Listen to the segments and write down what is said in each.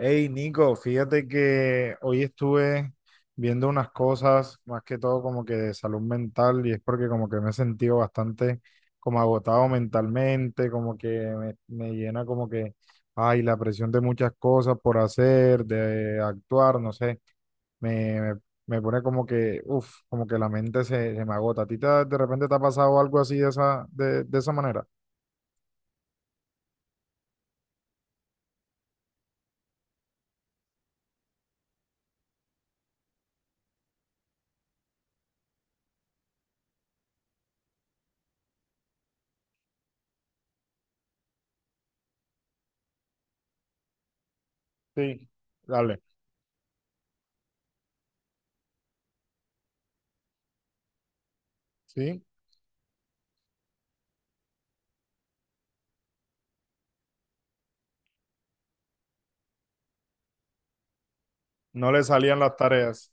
Hey Nico, fíjate que hoy estuve viendo unas cosas, más que todo como que de salud mental, y es porque como que me he sentido bastante como agotado mentalmente, como que me llena como que, ay, la presión de muchas cosas por hacer, de actuar, no sé, me, me, me pone como que, uff, como que la mente se me agota. ¿A ti de repente te ha pasado algo así de esa, de esa manera? Sí. Dale, sí, no le salían las tareas.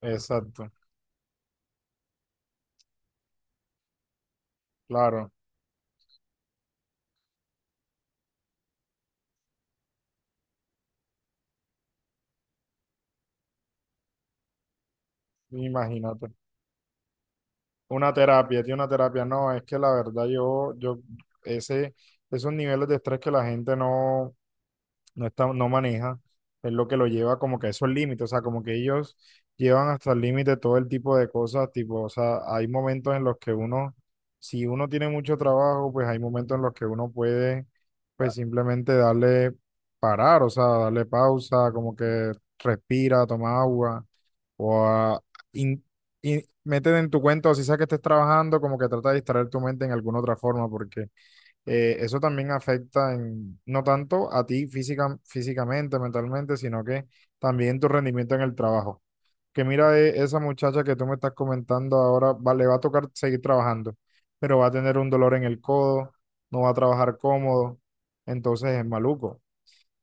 Exacto. Claro, imagínate. Una terapia, tiene una terapia. No, es que la verdad ese, esos niveles de estrés que la gente no está, no maneja, es lo que lo lleva como que a esos límites. O sea, como que ellos llevan hasta el límite todo el tipo de cosas, tipo, o sea, hay momentos en los que uno, si uno tiene mucho trabajo, pues hay momentos en los que uno puede, pues simplemente darle parar, o sea, darle pausa, como que respira, toma agua. O in- meten en tu cuenta, o si sea que estés trabajando, como que trata de distraer tu mente en alguna otra forma, porque eso también afecta en, no tanto a ti físicamente, mentalmente, sino que también tu rendimiento en el trabajo. Que mira, esa muchacha que tú me estás comentando ahora, le va a tocar seguir trabajando, pero va a tener un dolor en el codo, no va a trabajar cómodo, entonces es maluco.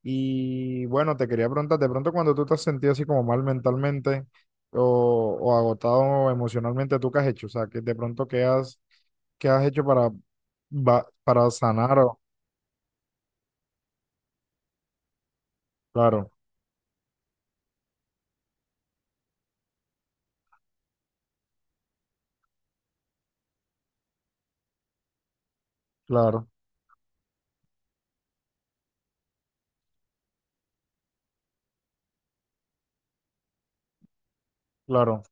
Y bueno, te quería preguntar, de pronto cuando tú te has sentido así como mal mentalmente o agotado emocionalmente, ¿tú qué has hecho? O sea, que de pronto qué has, hecho para, para sanar o... Claro, claro, claro,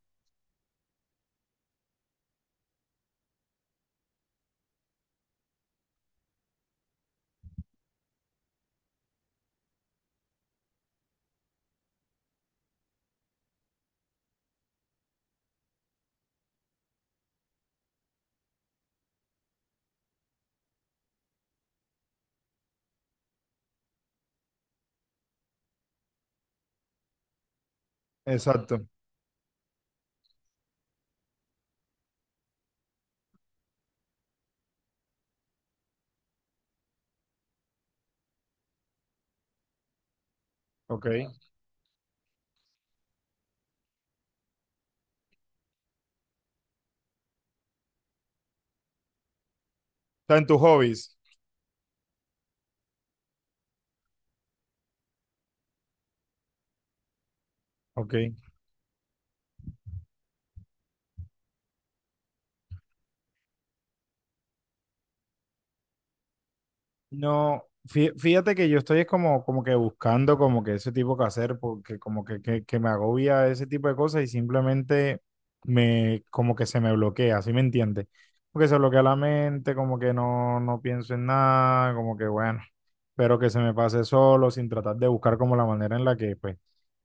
exacto. Ok. Está en tus hobbies. Ok. No, fíjate que yo estoy es como que buscando como que ese tipo que hacer, porque como que me agobia ese tipo de cosas y simplemente como que se me bloquea, ¿sí me entiendes? Porque se bloquea la mente, como que no pienso en nada, como que bueno, pero que se me pase solo, sin tratar de buscar como la manera en la que, pues,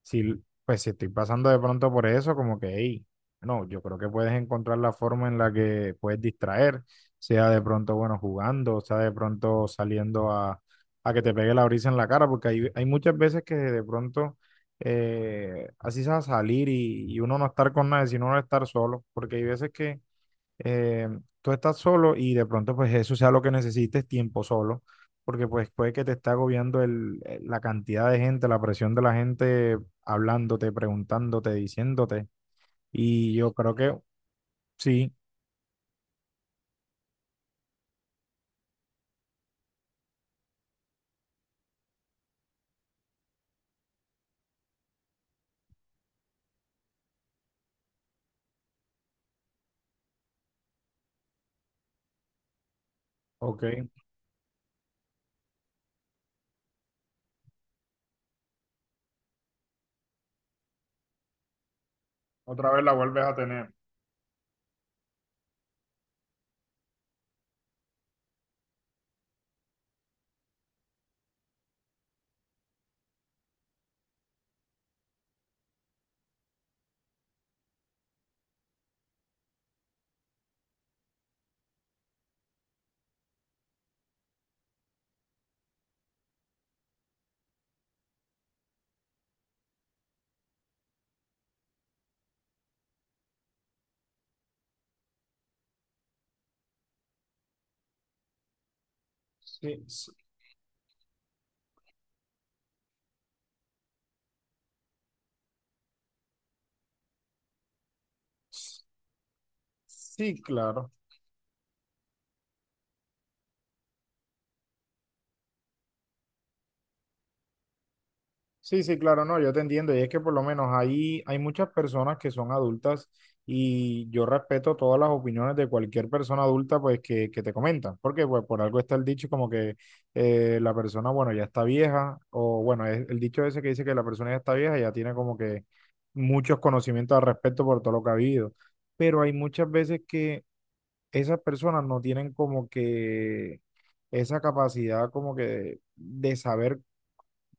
si estoy pasando de pronto por eso, como que, hey, no, yo creo que puedes encontrar la forma en la que puedes distraer sea de pronto, bueno, jugando, o sea de pronto saliendo a que te pegue la brisa en la cara, porque hay muchas veces que de pronto así se va a salir y uno no estar con nadie, sino uno estar solo, porque hay veces que eh, tú estás solo y de pronto pues eso sea lo que necesites, tiempo solo, porque pues puede que te esté agobiando la cantidad de gente, la presión de la gente hablándote, preguntándote, diciéndote. Y yo creo que... Sí. Ok. Otra vez la vuelves a tener. Sí. Sí, claro. Sí, sí, claro, no, yo te entiendo. Y es que por lo menos ahí hay muchas personas que son adultas y yo respeto todas las opiniones de cualquier persona adulta pues que te comentan. Porque pues por algo está el dicho como que la persona, bueno, ya está vieja o bueno, es el dicho ese que dice que la persona ya está vieja ya tiene como que muchos conocimientos al respecto por todo lo que ha vivido. Pero hay muchas veces que esas personas no tienen como que esa capacidad como que de saber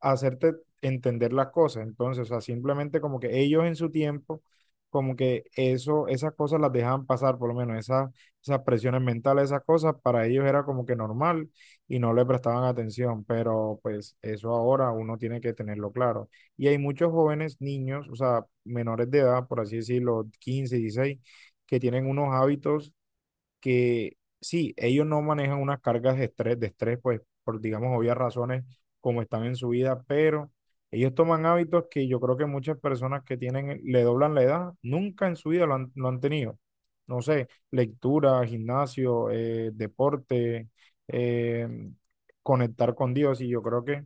hacerte entender las cosas. Entonces, o sea, simplemente como que ellos en su tiempo, como que esas cosas las dejaban pasar, por lo menos esas presiones mentales, esas cosas, para ellos era como que normal y no le prestaban atención, pero pues eso ahora uno tiene que tenerlo claro. Y hay muchos jóvenes, niños, o sea, menores de edad, por así decirlo, 15 16, que tienen unos hábitos que sí, ellos no manejan unas cargas de estrés, pues por, digamos, obvias razones como están en su vida, pero ellos toman hábitos que yo creo que muchas personas que tienen, le doblan la edad, nunca en su vida lo han tenido. No sé, lectura, gimnasio, deporte, eh, conectar con Dios y yo creo que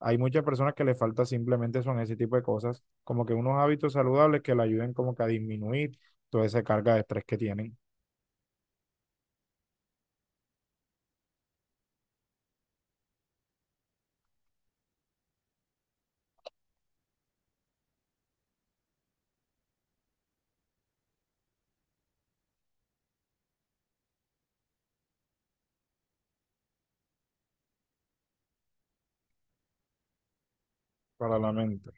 hay muchas personas que les falta simplemente son ese tipo de cosas, como que unos hábitos saludables que le ayuden como que a disminuir toda esa carga de estrés que tienen para la mente.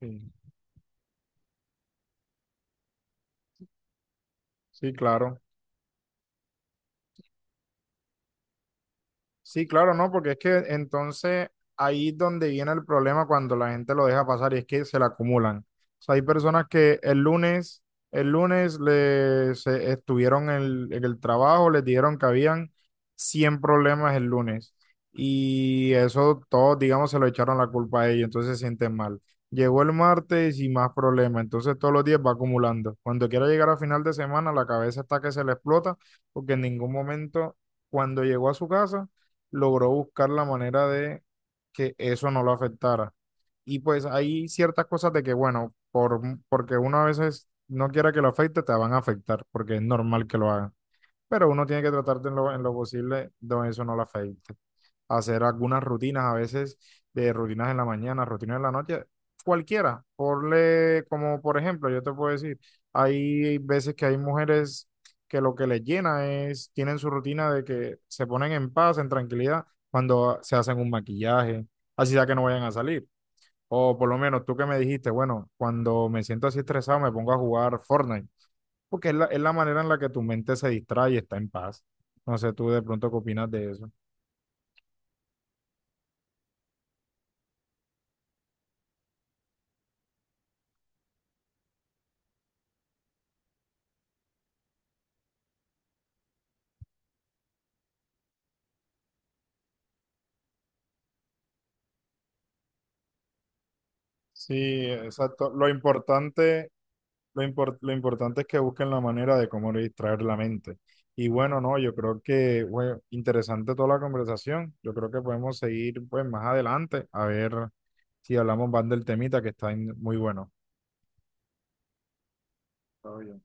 Sí, sí, claro. Sí, claro, no, porque es que entonces ahí es donde viene el problema cuando la gente lo deja pasar y es que se la acumulan. O sea, hay personas que el lunes estuvieron en el trabajo, les dijeron que habían 100 problemas el lunes y eso todos, digamos, se lo echaron la culpa a ellos, entonces se sienten mal. Llegó el martes y más problemas, entonces todos los días va acumulando. Cuando quiera llegar a final de semana, la cabeza está que se le explota porque en ningún momento, cuando llegó a su casa, logró buscar la manera de que eso no lo afectara. Y pues hay ciertas cosas de que, bueno, porque uno a veces no quiera que lo afecte, te van a afectar, porque es normal que lo hagan. Pero uno tiene que tratar de en lo posible de eso no lo afecte hacer algunas rutinas, a veces de rutinas en la mañana, rutinas en la noche, cualquiera. Ponle, como por ejemplo, yo te puedo decir, hay veces que hay mujeres que lo que les llena es, tienen su rutina de que se ponen en paz, en tranquilidad, cuando se hacen un maquillaje, así sea que no vayan a salir. O por lo menos tú que me dijiste, bueno, cuando me siento así estresado me pongo a jugar Fortnite, porque es la manera en la que tu mente se distrae y está en paz. No sé, tú de pronto qué opinas de eso. Sí, exacto. Lo importante es que busquen la manera de cómo distraer la mente. Y bueno, no, yo creo que, bueno, interesante toda la conversación. Yo creo que podemos seguir pues más adelante a ver si hablamos más del temita muy bueno. Está bien.